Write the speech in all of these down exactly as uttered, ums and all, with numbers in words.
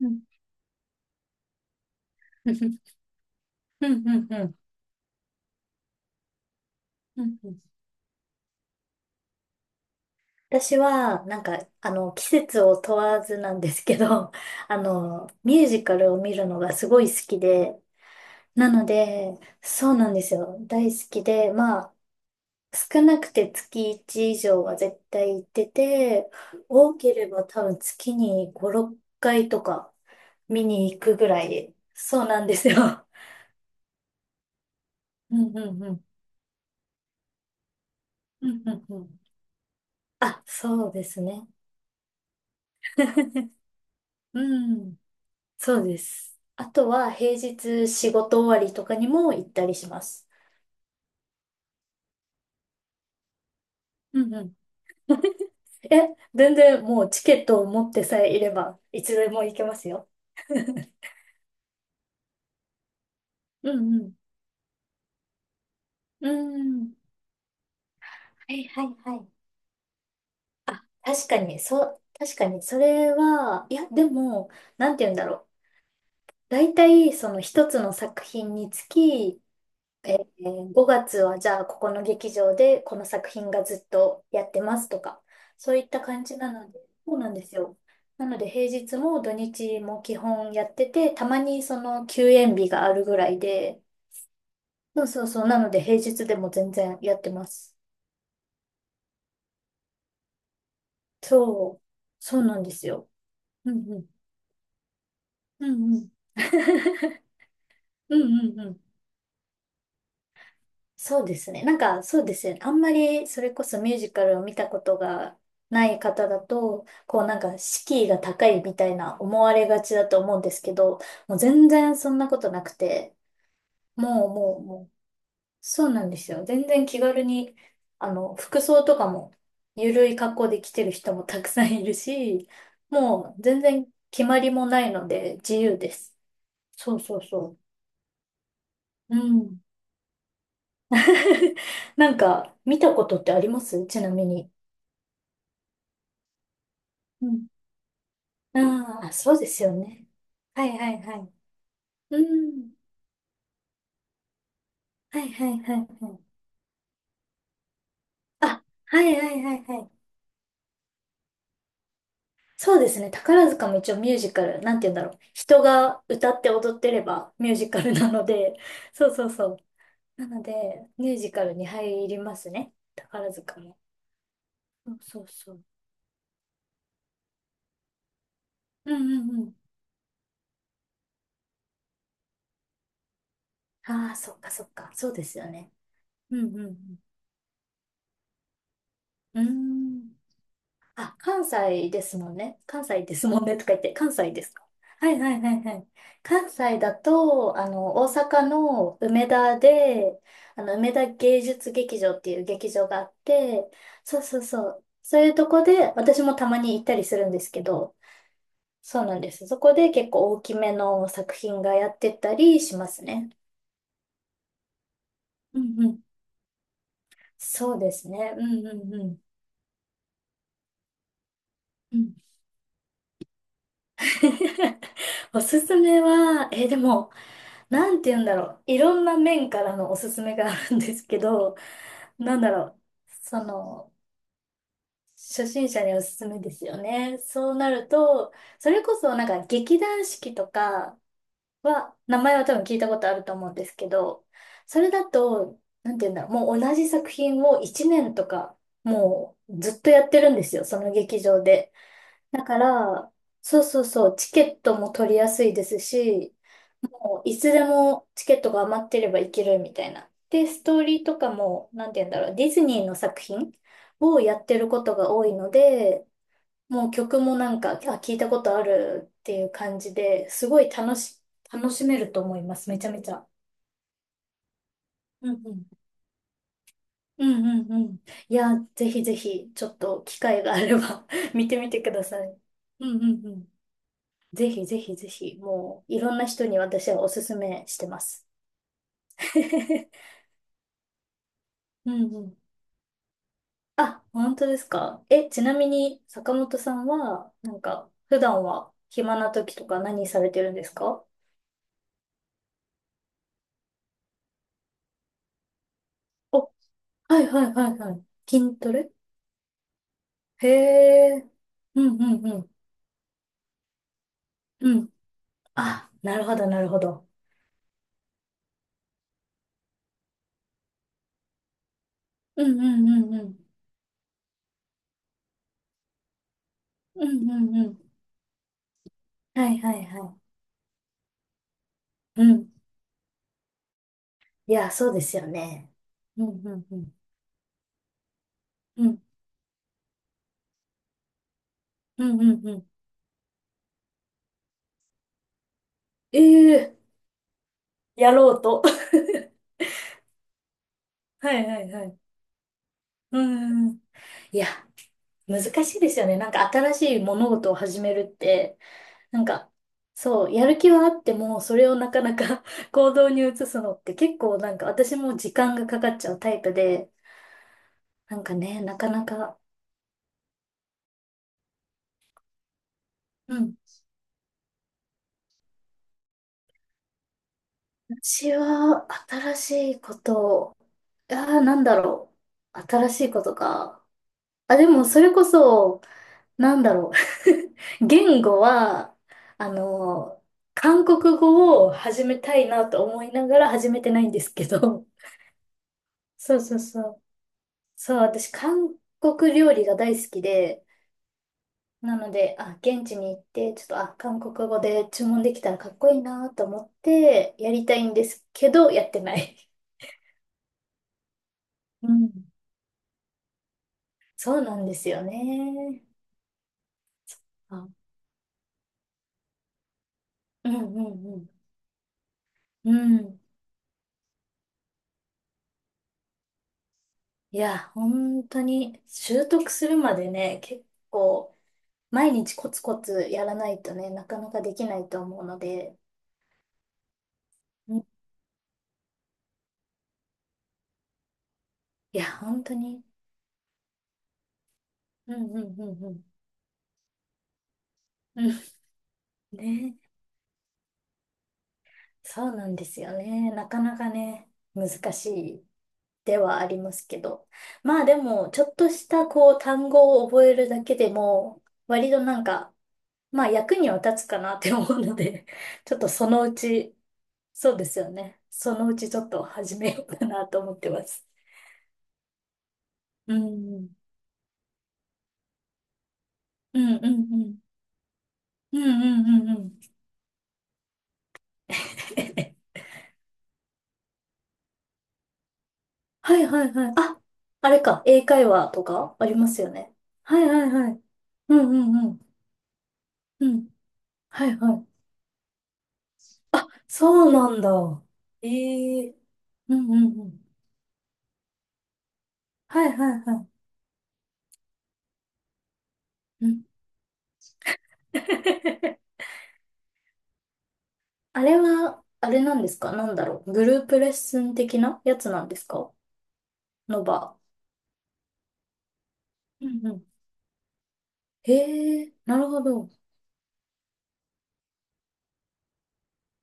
うん、うん、うん、うん、うん、うん、うん。私は、なんか、あの、季節を問わずなんですけど、あの、ミュージカルを見るのがすごい好きで、なので、そうなんですよ。大好きで、まあ、少なくて月いち以上は絶対行ってて、多ければ多分月にご、ろっかいとか見に行くぐらい、そうなんですよ。うん、うん、うん、うん、うん、うん。あ、そうですね。うん、そうです。あとは平日仕事終わりとかにも行ったりします。うんうん。え、全然もうチケットを持ってさえいれば、いつでも行けますよ。うんうんうん。はいはいはい。確かに、そう、確かに、それは、いや、でも、なんて言うんだろう。大体、その一つの作品につき、えー、ごがつはじゃあここの劇場でこの作品がずっとやってますとか、そういった感じなので、そうなんですよ。なので平日も土日も基本やってて、たまにその休演日があるぐらいで、そうそうそう、なので平日でも全然やってます。そう、そうなんですよ。うんうん。うんうん。うんうんうん。そうですね。なんか、そうですよね。あんまり、それこそミュージカルを見たことがない方だと、こうなんか、敷居が高いみたいな思われがちだと思うんですけど、もう全然そんなことなくて、もうもうもう、そうなんですよ。全然気軽に、あの、服装とかも、ゆるい格好で来てる人もたくさんいるし、もう全然決まりもないので自由です。そうそうそう。うん。なんか、見たことってありますちなみに？うん。ああ、そうですよね。はいはいはい。うん。はいはいはいはい。あ、はいはいはいはい。そうですね。宝塚も一応ミュージカル、なんて言うんだろう。人が歌って踊ってればミュージカルなので、そうそうそう。なので、ミュージカルに入りますね。宝塚も。そうそうそう。うんうんうん。ああ、そっかそっか。そうですよね。うんうんうん。うーん。あ、関西ですもんね。関西ですもんねとか言って、関西ですか？はいはいはいはい。関西だと、あの、大阪の梅田で、あの、梅田芸術劇場っていう劇場があって、そうそうそう。そういうとこで、私もたまに行ったりするんですけど、そうなんです。そこで結構大きめの作品がやってたりしますね。うんうん。そうですね。うんうんうん。うん。 おすすめは、えーでも、なんて言うんだろう。いろんな面からのおすすめがあるんですけど、なんだろう。その、初心者におすすめですよね。そうなると、それこそなんか劇団四季とかは、名前は多分聞いたことあると思うんですけど、それだと、なんて言うんだろう。もう同じ作品をいちねんとか、もうずっとやってるんですよ。その劇場で。だから、そうそうそう、チケットも取りやすいですし、もういつでもチケットが余ってれば行けるみたいな。で、ストーリーとかも、なんて言うんだろう、ディズニーの作品をやってることが多いので、もう曲もなんか、あ、聞いたことあるっていう感じで、すごい楽し、楽しめると思います、めちゃめちゃ。うんうん。うんうんうん。いや、ぜひぜひ、ちょっと機会があれば 見てみてください。うんうんうん。ぜひぜひぜひ、もういろんな人に私はおすすめしてます。うんうん。あ、本当ですか。え、ちなみに坂本さんは、なんか、普段は暇な時とか何されてるんですか？お、はいはいはいはい。筋トレ？へえ。うんうんうん。うん。あ、なるほどなるほど。うんうんうんうん。うんうんうん。はいはいはい。うん。いや、そうですよね。うんうんうん。うんうんうんうん。ええ、やろうと。はいはいはい。うんうん。いや、難しいですよね。なんか新しい物事を始めるって、なんか、そう、やる気はあっても、それをなかなか 行動に移すのって結構なんか私も時間がかかっちゃうタイプで、なんかね、なかなか、うん。私は新しいことを、ああ、なんだろう。新しいことか。あ、でもそれこそ、なんだろう。言語は、あの、韓国語を始めたいなと思いながら始めてないんですけど。そうそうそう。そう、私、韓国料理が大好きで、なので、あ、現地に行って、ちょっと、あ、韓国語で注文できたらかっこいいなと思って、やりたいんですけど、やってない。うん。そうなんですよね。あ、うんうんうん。うん。いや、本当に、習得するまでね、結構、毎日コツコツやらないとね、なかなかできないと思うので、うん、いや、本当に、うんうんうんうん。うん、ね、そうなんですよね。なかなかね、難しいではありますけど。まあでも、ちょっとしたこう単語を覚えるだけでも、割となんか、まあ役には立つかなって思うので、ちょっとそのうち、そうですよね。そのうちちょっと始めようかなと思ってます。うん、うん、うん、うん、うん、うん、うん、うん。はいはいはい。あ、あれか。英会話とかありますよね。はいはいはい。うんうんうん。うん。はいはい。あ、そうなんだ。ええ、うんうんうん。はいはいはい。うん。あれは、あれなんですか？なんだろう。グループレッスン的なやつなんですか？の場。うんうん。へえ、なるほど。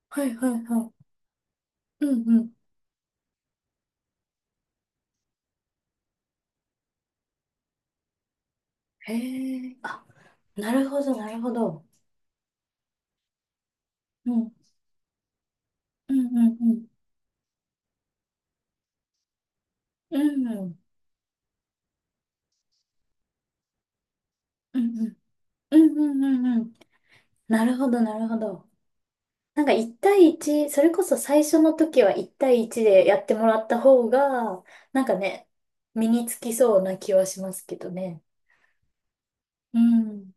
はいはいはい。うんうん。へえ、あ、なるほどなるほど。うん。うんうんうん。うん。うんうんうんうんうんうん。なるほど、なるほど。なんかいち対いち、それこそ最初の時はいち対いちでやってもらった方が、なんかね、身につきそうな気はしますけどね。うん。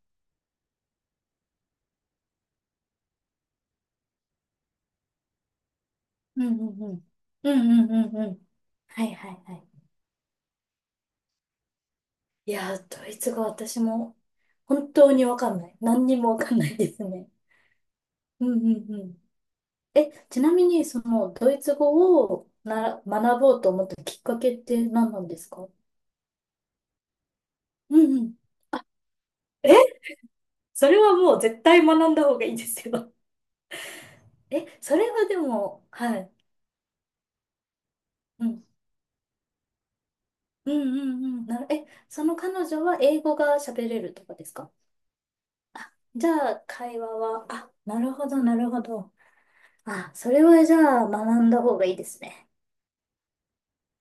うんうんうん。うんうんうんうん。はいはいはい。いやー、ドイツ語私も本当にわかんない。何にもわかんないですね。うんうんうん。え、ちなみにそのドイツ語をなら学ぼうと思ったきっかけって何なんですか？うんうん。え、それはもう絶対学んだ方がいいですよ。え、それはでも、はい。うん。うんうんうん。なる、え、その彼女は英語が喋れるとかですか？じゃあ、会話は、あ、なるほど、なるほど。あ、それはじゃあ、学んだ方がいいですね。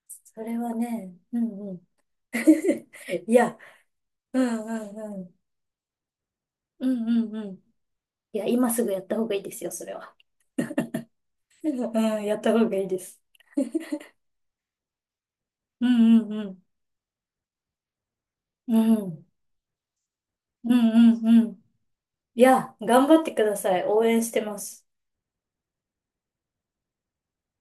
それはね、うんうん。いや、うんうんうん。うんうんうん。いや、今すぐやった方がいいですよ、それは。うん、やった方がいいです。うんうんうん。うん。うんうんうん。いや、頑張ってください。応援してます。